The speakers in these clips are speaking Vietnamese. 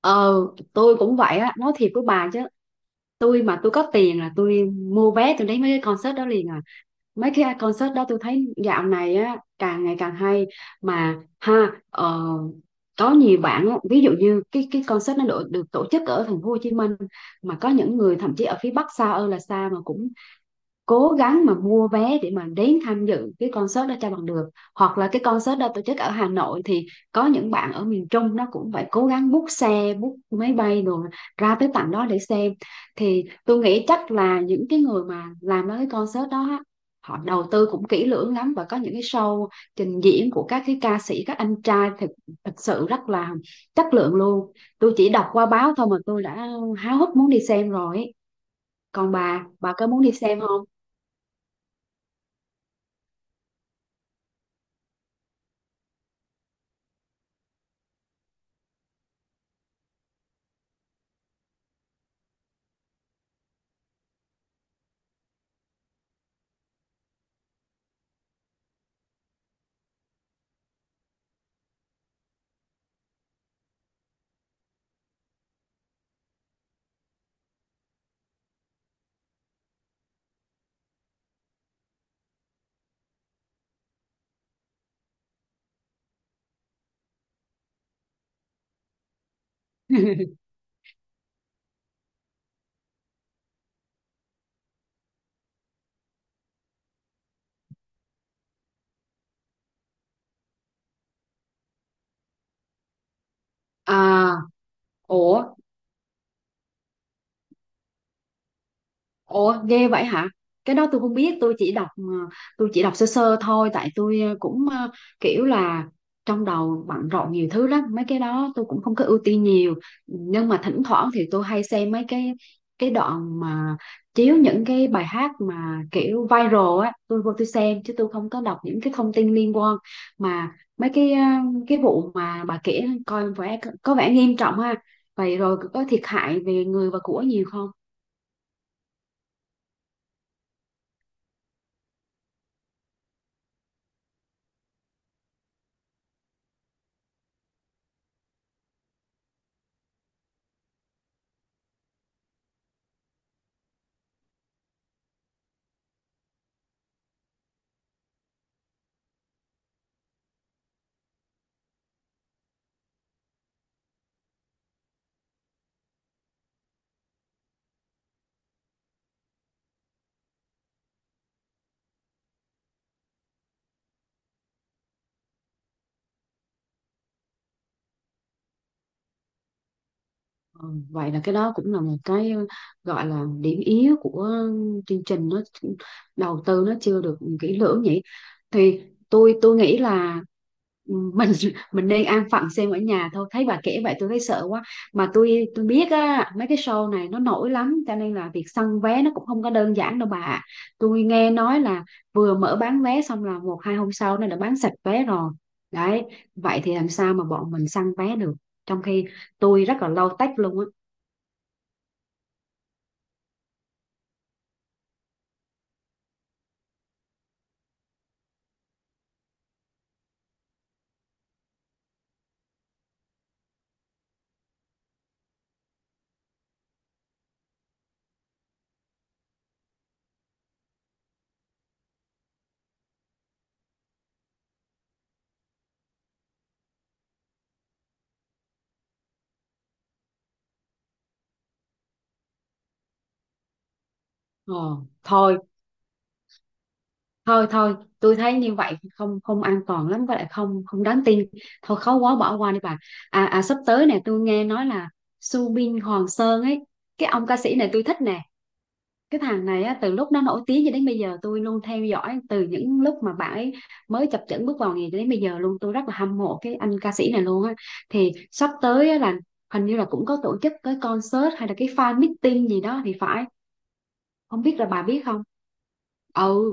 ờ tôi cũng vậy á, nói thiệt với bà chứ, tôi mà tôi có tiền là tôi mua vé, tôi đến mấy cái concert đó liền à. Mấy cái concert đó tôi thấy dạo này á càng ngày càng hay mà ha, có nhiều bạn á, ví dụ như cái concert nó được tổ chức ở thành phố Hồ Chí Minh mà có những người thậm chí ở phía Bắc xa ơi là xa mà cũng cố gắng mà mua vé để mà đến tham dự cái concert đó cho bằng được, hoặc là cái concert đó tổ chức ở Hà Nội thì có những bạn ở miền Trung nó cũng phải cố gắng book xe book máy bay rồi ra tới tận đó để xem. Thì tôi nghĩ chắc là những cái người mà làm ra cái concert đó á, họ đầu tư cũng kỹ lưỡng lắm, và có những cái show trình diễn của các cái ca sĩ các anh trai thật thật sự rất là chất lượng luôn. Tôi chỉ đọc qua báo thôi mà tôi đã háo hức muốn đi xem rồi ấy. Còn bà có muốn đi xem không? À, ủa, ủa ghê vậy hả? Cái đó tôi không biết, tôi chỉ đọc tôi chỉ đọc sơ sơ thôi, tại tôi cũng kiểu là trong đầu bận rộn nhiều thứ lắm, mấy cái đó tôi cũng không có ưu tiên nhiều. Nhưng mà thỉnh thoảng thì tôi hay xem mấy cái đoạn mà chiếu những cái bài hát mà kiểu viral á, tôi vô tôi xem chứ tôi không có đọc những cái thông tin liên quan mà mấy cái cái vụ mà bà kể coi vẻ có vẻ nghiêm trọng ha. Vậy rồi có thiệt hại về người và của nhiều không? Ừ, vậy là cái đó cũng là một cái gọi là điểm yếu của chương trình, nó đầu tư nó chưa được kỹ lưỡng nhỉ. Thì tôi nghĩ là ừ, mình mình nên an phận xem ở nhà thôi, thấy bà kể vậy tôi thấy sợ quá. Mà tôi biết á mấy cái show này nó nổi lắm, cho nên là việc săn vé nó cũng không có đơn giản đâu bà ạ. Tôi nghe nói là vừa mở bán vé xong là một hai hôm sau nó đã bán sạch vé rồi đấy. Vậy thì làm sao mà bọn mình săn vé được, trong khi tôi rất là low tech luôn á. ờ, Thôi thôi thôi tôi thấy như vậy không không an toàn lắm, với lại không không đáng tin. Thôi khó quá bỏ qua đi bà. À, à sắp tới nè tôi nghe nói là Subin Hoàng Sơn ấy, cái ông ca sĩ này tôi thích nè, cái thằng này á, từ lúc nó nổi tiếng cho đến bây giờ tôi luôn theo dõi từ những lúc mà bạn ấy mới chập chững bước vào nghề cho đến bây giờ luôn. Tôi rất là hâm mộ cái anh ca sĩ này luôn á. Thì sắp tới á là hình như là cũng có tổ chức cái concert hay là cái fan meeting gì đó thì phải, không biết là bà biết không. Ừ.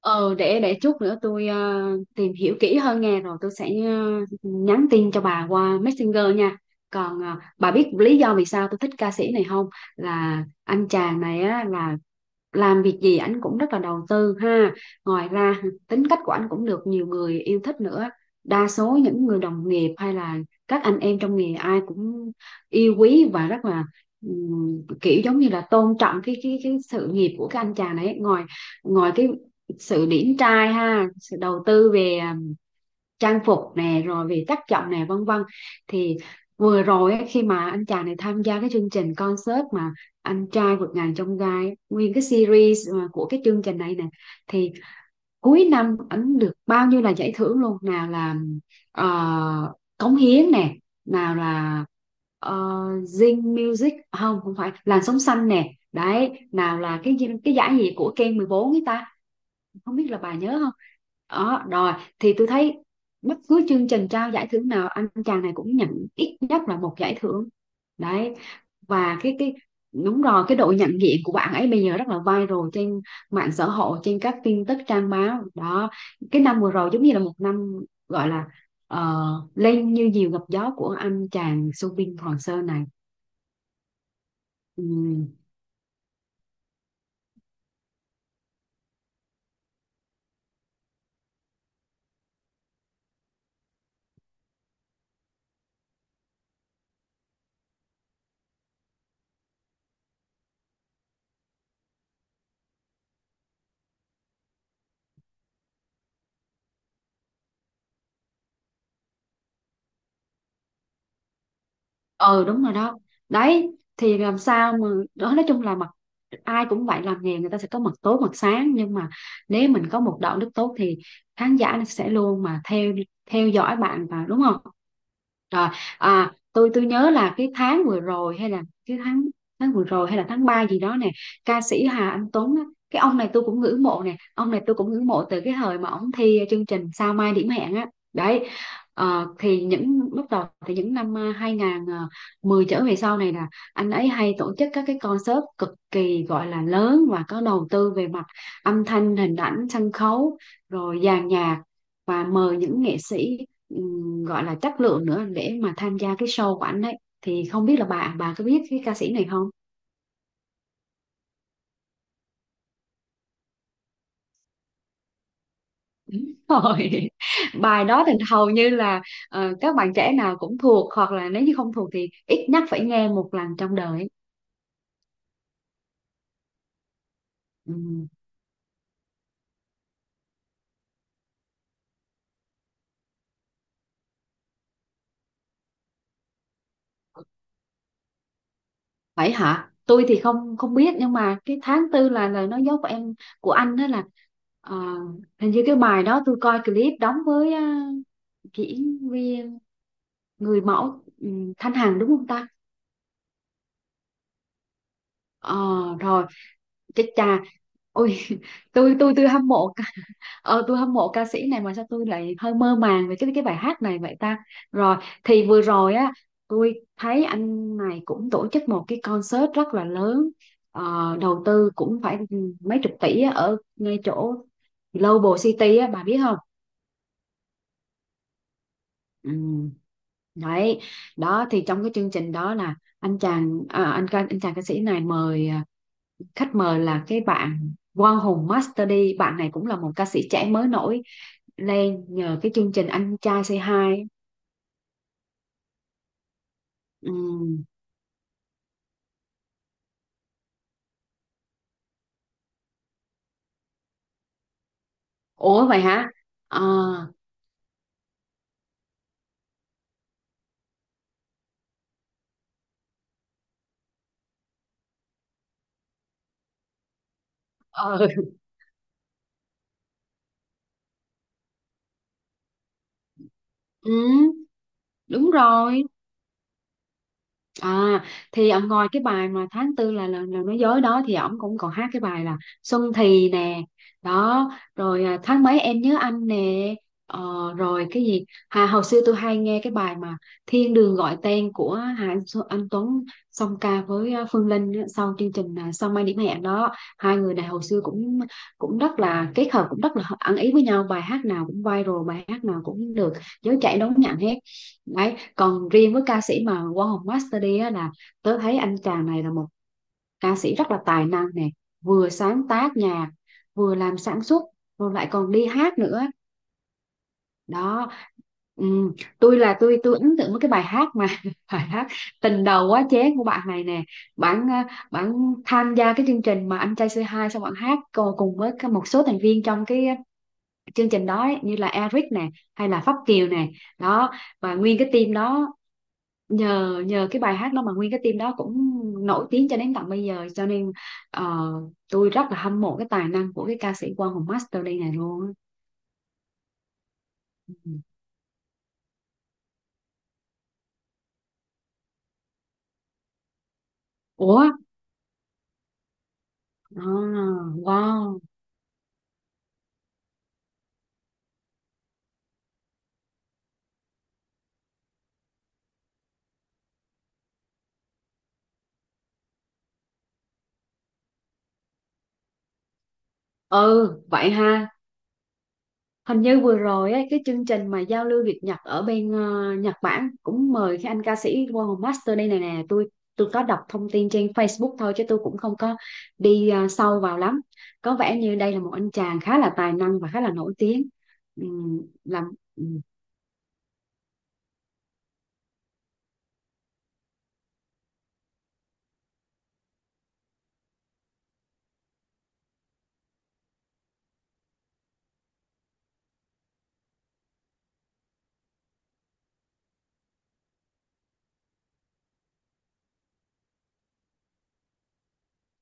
Ờ, để chút nữa tôi tìm hiểu kỹ hơn nghe rồi tôi sẽ nhắn tin cho bà qua Messenger nha. Còn bà biết lý do vì sao tôi thích ca sĩ này không? Là anh chàng này á là làm việc gì ảnh cũng rất là đầu tư ha. Ngoài ra tính cách của ảnh cũng được nhiều người yêu thích nữa. Đa số những người đồng nghiệp hay là các anh em trong nghề ai cũng yêu quý và rất là kiểu giống như là tôn trọng cái sự nghiệp của cái anh chàng này. Ngoài Ngoài cái sự điển trai ha, sự đầu tư về à, trang phục nè, rồi về chất giọng nè, vân vân. Thì vừa rồi á, khi mà anh chàng này tham gia cái chương trình concert mà anh trai vượt ngàn chông gai, nguyên cái series mà của cái chương trình này nè, thì cuối năm ảnh được bao nhiêu là giải thưởng luôn. Nào là cống hiến nè, nào là ờ, Zing Music, không không phải, làn sóng xanh nè đấy, nào là cái gì- cái giải gì của Ken 14 ấy ta, không biết là bà nhớ không. Đó rồi, thì tôi thấy bất cứ chương trình trao giải thưởng nào anh chàng này cũng nhận ít nhất là một giải thưởng đấy. Và cái đúng rồi, cái độ nhận diện của bạn ấy bây giờ rất là viral trên mạng xã hội, trên các tin tức trang báo đó. Cái năm vừa rồi giống như là một năm gọi là ờ, lên như diều gặp gió của anh chàng Subin Hoàng Sơn này. Ừ. Ừ đúng rồi đó đấy. Thì làm sao mà đó, nói chung là mặt ai cũng vậy, làm nghề người ta sẽ có mặt tối mặt sáng, nhưng mà nếu mình có một đạo đức tốt thì khán giả nó sẽ luôn mà theo theo dõi bạn, và đúng không. Rồi, à tôi nhớ là cái tháng vừa rồi hay là cái tháng tháng vừa rồi hay là tháng 3 gì đó nè, ca sĩ Hà Anh Tuấn á, cái ông này tôi cũng ngưỡng mộ nè, ông này tôi cũng ngưỡng mộ từ cái thời mà ông thi chương trình Sao Mai Điểm Hẹn á đấy. Ờ, thì những lúc đầu thì những năm 10 trở về sau này là anh ấy hay tổ chức các cái concert cực kỳ gọi là lớn và có đầu tư về mặt âm thanh, hình ảnh, sân khấu, rồi dàn nhạc, và mời những nghệ sĩ gọi là chất lượng nữa để mà tham gia cái show của anh ấy. Thì không biết là bà có biết cái ca sĩ này không? Đúng rồi. Bài đó thì hầu như là các bạn trẻ nào cũng thuộc, hoặc là nếu như không thuộc thì ít nhất phải nghe một lần trong đời. Ừ. Vậy hả? Tôi thì không không biết, nhưng mà cái tháng tư là lời nói dối của em của anh đó là ờ, hình như cái bài đó tôi coi clip đóng với ờ, diễn viên người mẫu ừ, Thanh Hằng đúng không ta? Ờ rồi, chết cha. Ôi tôi hâm mộ. Ờ, tôi hâm mộ ca sĩ này mà sao tôi lại hơi mơ màng về cái bài hát này vậy ta? Rồi, thì vừa rồi á tôi thấy anh này cũng tổ chức một cái concert rất là lớn. Ờ, đầu tư cũng phải mấy chục tỷ á, ở ngay chỗ Global City á, bà biết không? Ừ. Đấy, đó thì trong cái chương trình đó là anh chàng à, anh chàng ca sĩ này mời à, khách mời là cái bạn Quang Hùng Master D, bạn này cũng là một ca sĩ trẻ mới nổi lên nhờ cái chương trình Anh Trai Say Hi ấy. Ừ. Ủa vậy hả. Ờ ờ ừ, đúng rồi. À thì ông ngoài cái bài mà tháng tư là nói dối đó thì ổng cũng còn hát cái bài là Xuân thì nè, đó rồi à, tháng mấy em nhớ anh nè, ờ, rồi cái gì hồi xưa tôi hay nghe cái bài mà Thiên đường gọi tên của Anh Tuấn song ca với à, Phương Linh á, sau chương trình à, Sao Mai Điểm Hẹn đó, hai người này hồi xưa cũng cũng rất là kết hợp, cũng rất là ăn ý với nhau, bài hát nào cũng viral, bài hát nào cũng được giới trẻ đón nhận hết. Đấy, còn riêng với ca sĩ mà Quang Hùng Master đi á, là tớ thấy anh chàng này là một ca sĩ rất là tài năng nè, vừa sáng tác nhạc, vừa làm sản xuất, rồi lại còn đi hát nữa. Đó, ừm, tôi là tôi ấn tượng với cái bài hát mà bài hát tình đầu quá chén của bạn này nè. Bạn à, Bạn tham gia cái chương trình mà anh trai C2 xong bạn hát co- cùng với cái- một số thành viên trong cái chương trình đó ấy, như là Eric nè hay là Pháp Kiều nè, đó, và nguyên cái team đó, nhờ nhờ cái bài hát đó mà nguyên cái team đó cũng nổi tiếng cho đến tận bây giờ, cho nên ờ, tôi rất là hâm mộ cái tài năng của cái ca sĩ Quang Hùng Master đây này luôn á. Ủa à, wow, ừ vậy ha. Hình như vừa rồi ấy, cái chương trình mà giao lưu Việt Nhật ở bên Nhật Bản cũng mời cái anh ca sĩ Wow Master đây này nè, tôi có đọc thông tin trên Facebook thôi chứ tôi cũng không có đi sâu vào lắm. Có vẻ như đây là một anh chàng khá là tài năng và khá là nổi tiếng. Ừm, làm ừm,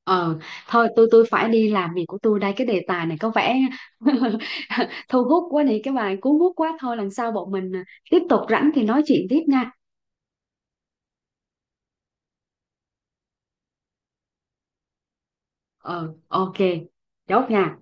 ờ thôi tôi phải đi làm việc của tôi đây, cái đề tài này có vẻ thu hút quá này, cái bài cuốn hút quá, thôi lần sau bọn mình tiếp tục rảnh thì nói chuyện tiếp nha. Ờ ok, chốt nha.